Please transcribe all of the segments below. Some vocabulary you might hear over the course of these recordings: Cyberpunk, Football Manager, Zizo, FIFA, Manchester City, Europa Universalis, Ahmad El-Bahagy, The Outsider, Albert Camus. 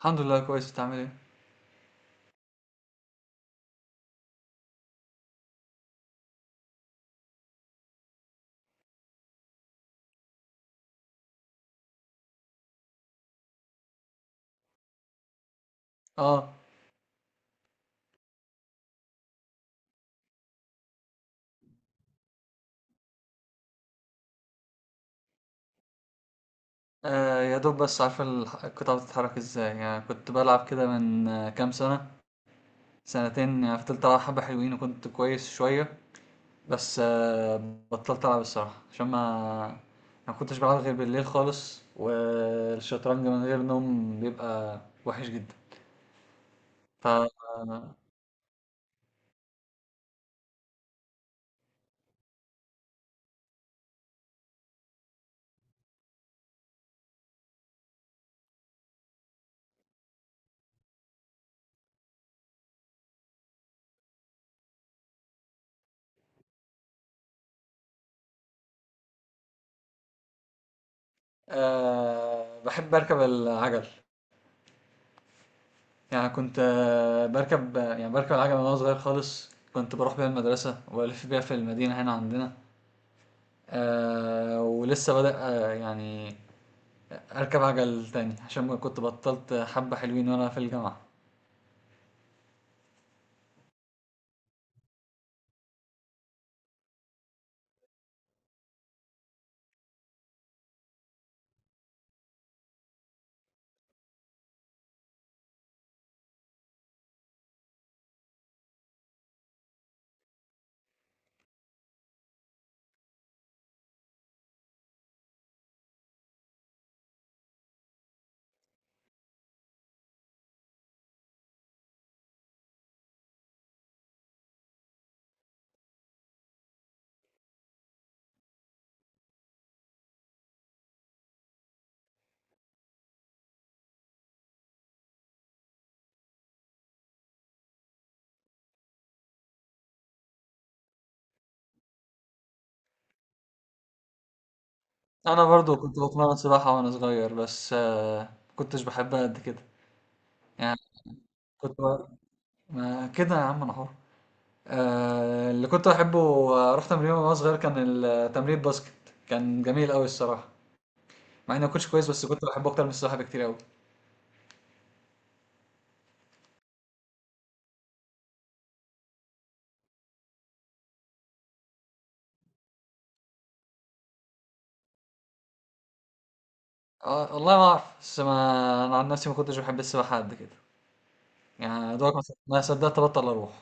الحمد لله كويس، انت عامل ايه؟ اه. يا دوب بس عارف القطعة بتتحرك ازاي، يعني كنت بلعب كده من كام سنة سنتين. يعني فضلت العب حبة حلوين وكنت كويس شوية بس بطلت العب الصراحة عشان ما كنتش بلعب غير بالليل خالص، والشطرنج من غير نوم بيبقى وحش جدا. ف آه، آه، بحب اركب العجل. يعني كنت باركب العجلة من وأنا صغير خالص، كنت باروح بيها المدرسة وألف بيها في المدينة هنا عندنا. ولسه بادئ يعني أركب عجل تاني عشان كنت بطلت حبة حلوين وأنا في الجامعة. أنا برضو كنت بتمرن سباحة وأنا صغير بس ما كنتش بحبها قد كده. يعني كنت ب- ما كده يا عم أنا حر. اللي كنت بحبه وأروح تمرين وأنا صغير كان التمرين باسكت، كان جميل أوي الصراحة، مع إني ما كنتش كويس بس كنت بحبه أكتر من السباحة بكتير أوي. والله ما أعرف، بس ما أنا عن نفسي ما كنتش بحب السباحة قد كده، يعني دوبك ما صدقت أبطل أروح.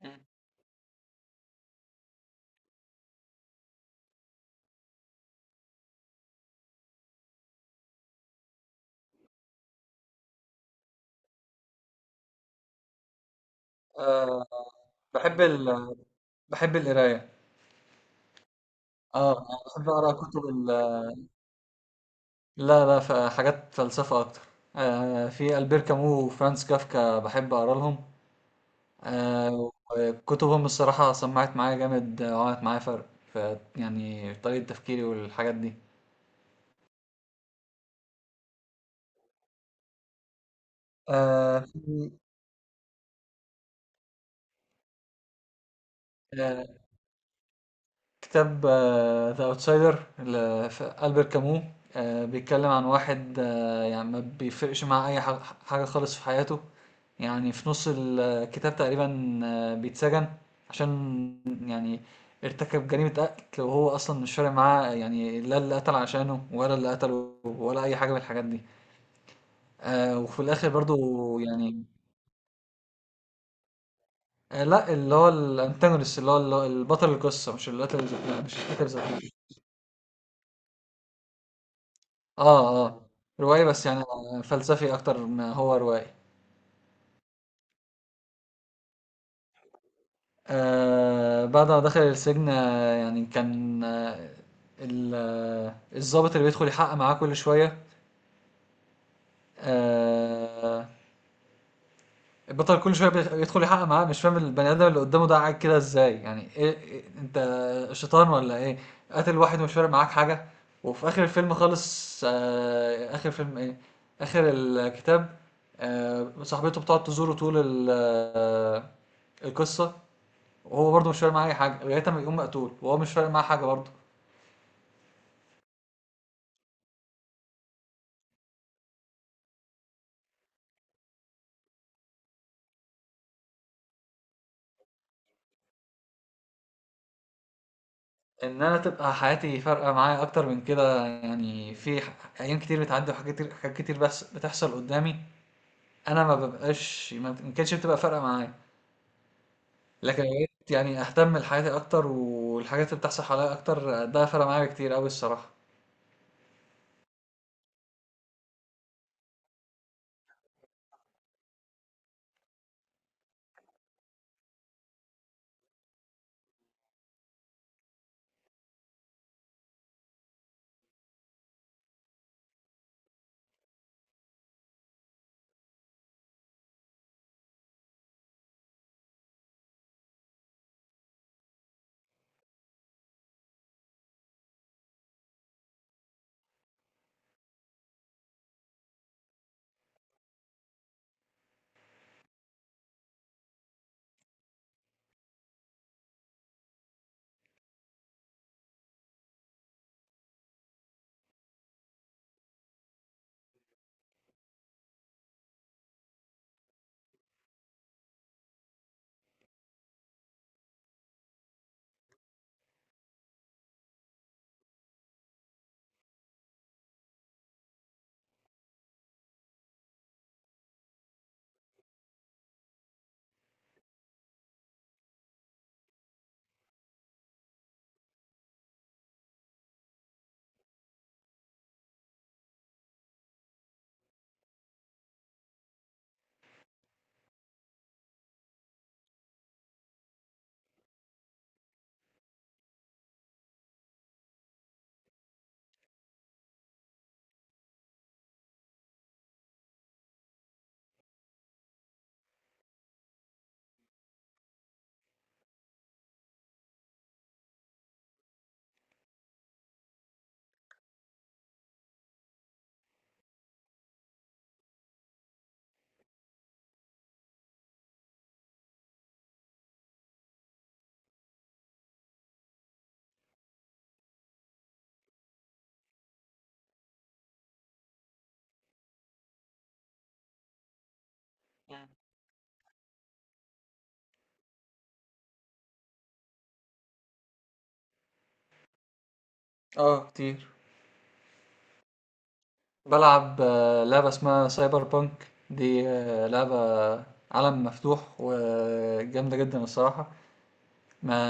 مم. أه، بحب ال... بحب القراية. اه، يعني بحب أقرأ كتب ال... لا لا، حاجات فلسفة أكتر. في ألبير كامو وفرانس كافكا بحب أقرأ لهم. أه وكتبهم الصراحة سمعت معايا جامد، وعملت معايا فرق، ف يعني في طريقة تفكيري والحاجات دي. أه في- آه، كتاب ذا اوتسايدر لألبير كامو، بيتكلم عن واحد يعني ما بيفرقش مع اي حاجة خالص في حياته. يعني في نص الكتاب تقريبا بيتسجن عشان يعني ارتكب جريمة قتل، وهو أصلا مش فارق معاه، يعني لا اللي قتل عشانه ولا اللي قتله ولا أي حاجة من الحاجات دي. وفي الآخر برضو يعني. لا، اللي هو الأنتاجونست، اللي هو البطل القصة مش اللي قتل، مش القاتل ذات. آه، آه. رواية، بس يعني فلسفي أكتر ما هو رواية. بعد ما دخل السجن يعني كان الضابط اللي بيدخل يحقق معاه كل شوية. آه البطل كل شويه بيدخل يحقق معاه، مش فاهم البني ادم اللي قدامه ده قاعد كده ازاي، يعني ايه انت شيطان ولا ايه؟ قاتل واحد ومش فارق معاك حاجه. وفي اخر الفيلم خالص آه اخر فيلم ايه اخر الكتاب، صاحبته بتقعد تزوره طول القصه، وهو برضه مش فارق معاه اي حاجه لغايه ما يقوم مقتول وهو مش فارق معاه حاجه برضه. ان انا تبقى حياتي فارقه معايا اكتر من كده، يعني ايام كتير بتعدي وحاجات كتير حاجات كتير بتحصل قدامي، أنا ما بابقاش ما بت- ما كانتش بتبقى فارقة معايا. لكن بقيت يعني أهتم لحياتي أكتر، والحاجات اللي بتحصل حواليّا أكتر ده فرق معايا كتير أوي الصراحة. إمم. آه، كتير. بالعب لعبة اسمها سايبر بانك، دي لعبة عالم مفتوح وجامدة جدًا الصراحة. ما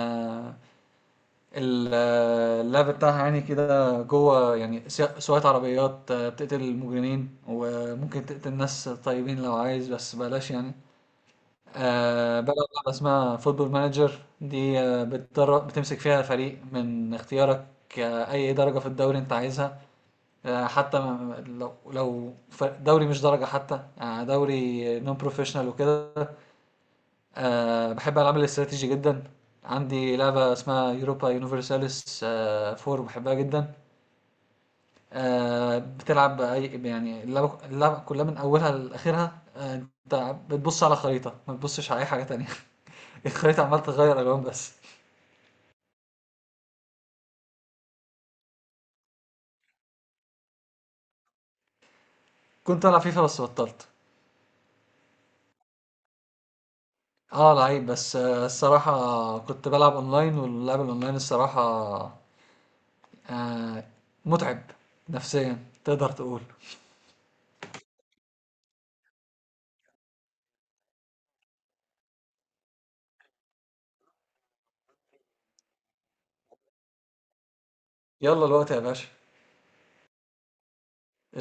ال آه، اللعب بتاعها يعني كده جوّه، يعني سواقة عربيات، بتقتل المجرمين وممكن تقتل ناس طيبين لو عايز بس بلاش يعني. بلعب لعبة اسمها فوتبول مانجر، دي بتمسك فيها فريق من اختيارك، أي درجة في الدوري أنت عايزها، آه حتى ما- لو دوري مش درجة حتى، دوري نون بروفيشنال وكده. بحب ألعاب الاستراتيجي جدا. عندي لعبة اسمها يوروبا يونيفرساليس فور، بحبها جدا. بتلعب أي يعني اللعبة كلها من أولها لآخرها، أنت بتبص على خريطة ما بتبصش على أي حاجة تانية الخريطة عمال تغير ألوان بس. كنت ألعب فيفا بس بطلت. اه، لعيب، بس الصراحة كنت بلعب اونلاين، واللعب الاونلاين الصراحة آه، متعب نفسيا، تقدر تقول. يلا الوقت يا باشا.